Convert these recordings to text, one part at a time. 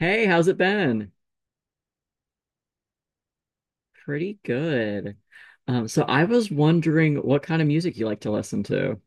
Hey, how's it been? Pretty good. So I was wondering what kind of music you like to listen to.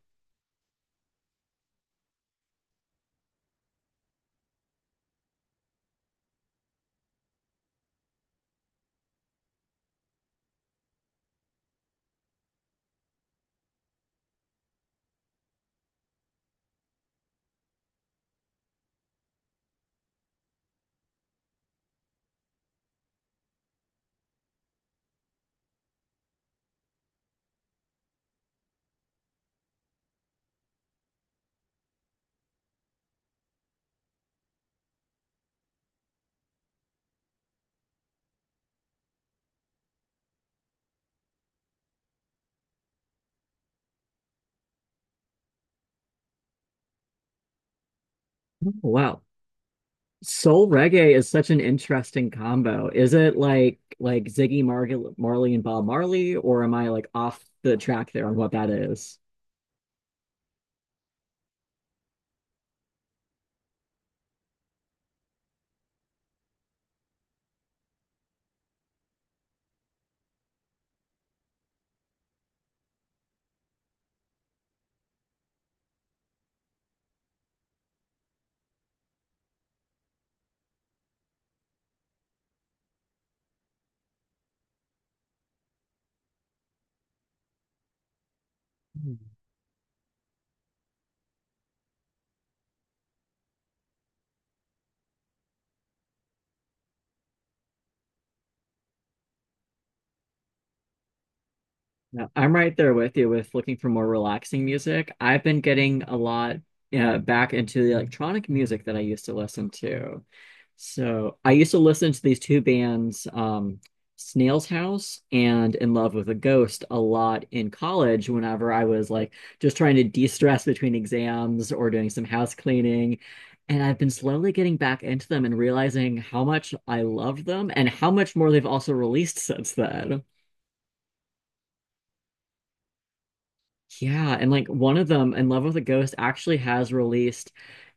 Oh, wow. Soul reggae is such an interesting combo. Is it like Ziggy Marley and Bob Marley, or am I like off the track there on what that is? Yeah, I'm right there with you with looking for more relaxing music. I've been getting a lot back into the electronic music that I used to listen to. So I used to listen to these two bands, Snail's House and In Love with a Ghost, a lot in college whenever I was like just trying to de-stress between exams or doing some house cleaning. And I've been slowly getting back into them and realizing how much I loved them and how much more they've also released since then. Yeah, and like one of them, In Love with a Ghost, actually has released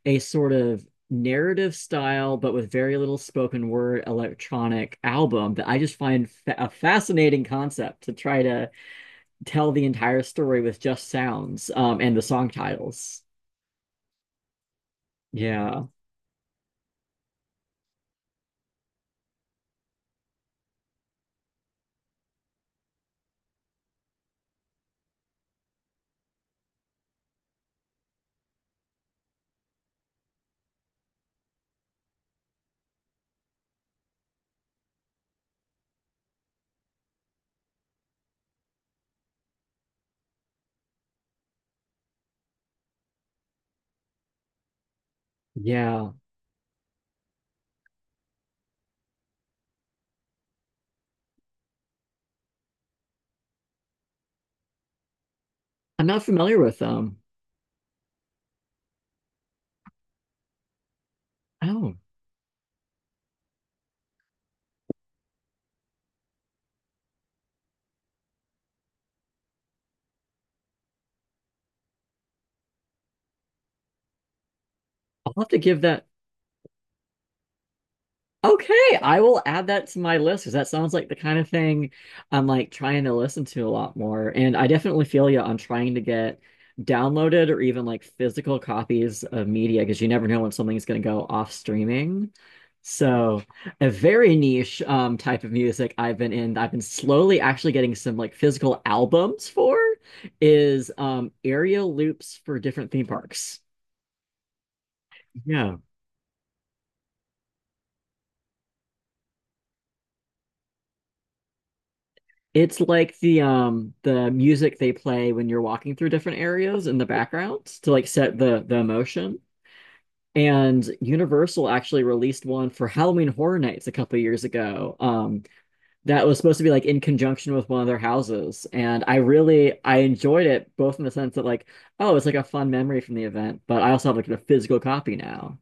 a sort of narrative style, but with very little spoken word electronic album that I just find fa a fascinating concept to try to tell the entire story with just sounds and the song titles. Yeah, yeah. I'm not familiar with them. Oh, I'll have to give that. Okay, I will add that to my list because that sounds like the kind of thing I'm like trying to listen to a lot more. And I definitely feel you on trying to get downloaded or even like physical copies of media because you never know when something's going to go off streaming. So, a very niche type of music I've I've been slowly actually getting some like physical albums for is area loops for different theme parks. Yeah. It's like the music they play when you're walking through different areas in the backgrounds to like set the emotion. And Universal actually released one for Halloween Horror Nights a couple years ago. That was supposed to be like in conjunction with one of their houses, and I enjoyed it both in the sense that like oh it's like a fun memory from the event, but I also have like a physical copy now.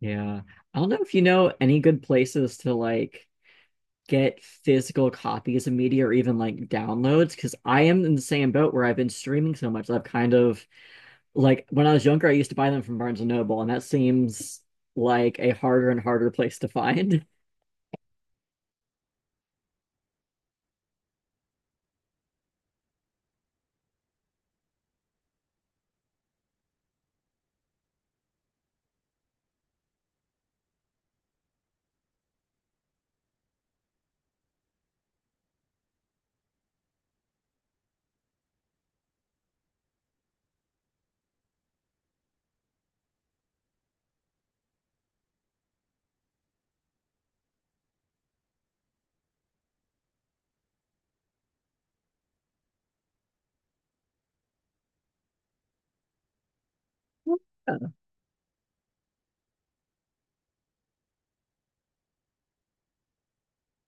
Yeah, I don't know if you know any good places to like get physical copies of media or even like downloads because I am in the same boat where I've been streaming so much. I've kind of like when I was younger, I used to buy them from Barnes and Noble, and that seems like a harder and harder place to find. Yeah.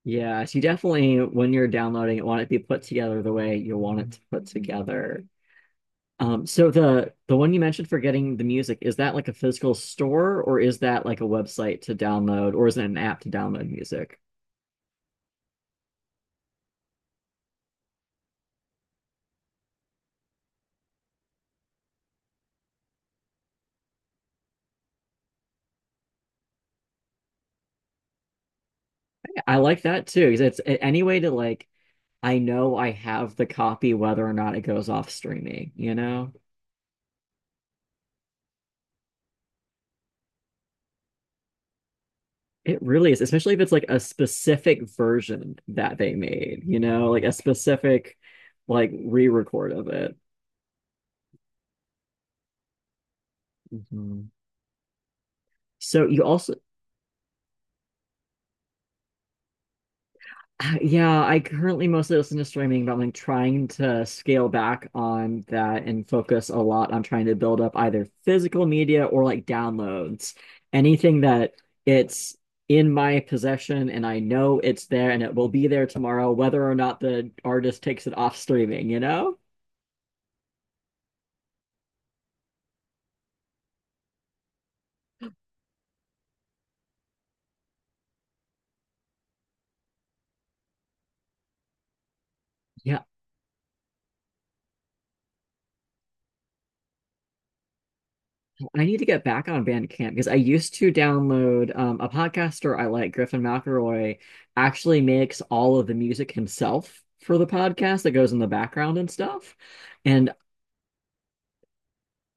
Yeah, so you definitely, when you're downloading it, want it to be put together the way you want it to put together. So the one you mentioned for getting the music, is that like a physical store or is that like a website to download or is it an app to download music? I like that too, because any way to like I know I have the copy whether or not it goes off streaming, you know? It really is, especially if it's like a specific version that they made, you know, like a specific like re-record of it. Mhm. So you also Yeah, I currently mostly listen to streaming, but I'm like trying to scale back on that and focus a lot on trying to build up either physical media or like downloads. Anything that it's in my possession and I know it's there and it will be there tomorrow, whether or not the artist takes it off streaming, you know? I need to get back on Bandcamp because I used to download a podcaster I like, Griffin McElroy, actually makes all of the music himself for the podcast that goes in the background and stuff. And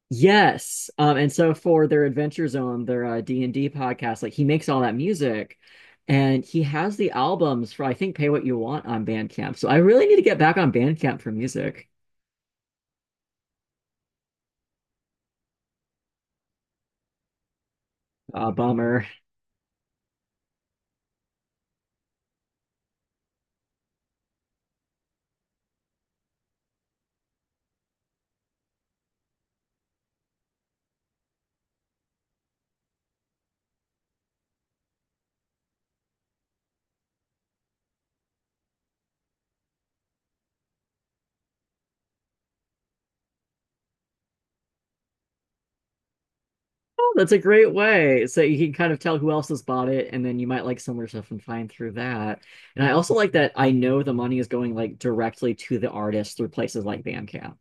yes, and so for their Adventure Zone, their D&D podcast, like he makes all that music and he has the albums for I think Pay What You Want on Bandcamp. So I really need to get back on Bandcamp for music. Bummer. Oh, that's a great way. So you can kind of tell who else has bought it, and then you might like similar stuff and find through that. And I also like that I know the money is going like directly to the artist through places like Bandcamp.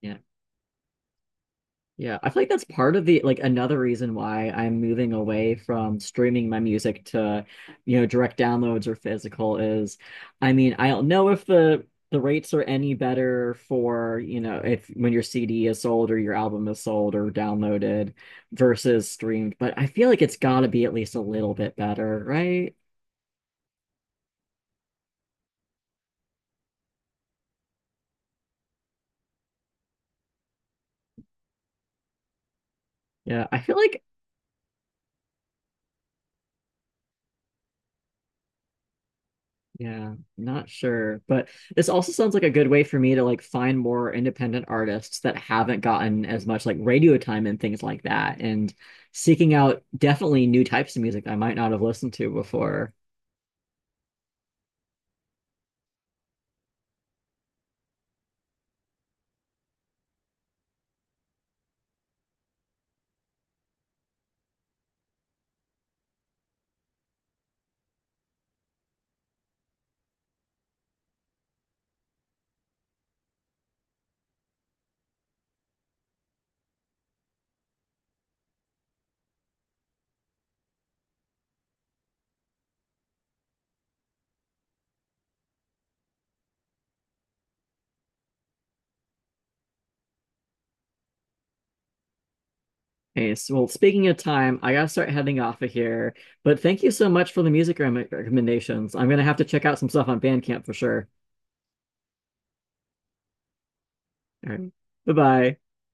Yeah. Yeah, I feel like that's part of the like another reason why I'm moving away from streaming my music to, you know, direct downloads or physical is, I mean, I don't know if the rates are any better for, you know, if when your CD is sold or your album is sold or downloaded versus streamed, but I feel like it's got to be at least a little bit better, right? Yeah, I feel like Yeah, not sure, but this also sounds like a good way for me to like find more independent artists that haven't gotten as much like radio time and things like that, and seeking out definitely new types of music I might not have listened to before. Okay, so well, speaking of time, I gotta start heading off of here, but thank you so much for the music rem recommendations. I'm gonna have to check out some stuff on Bandcamp for sure. All right, bye-bye.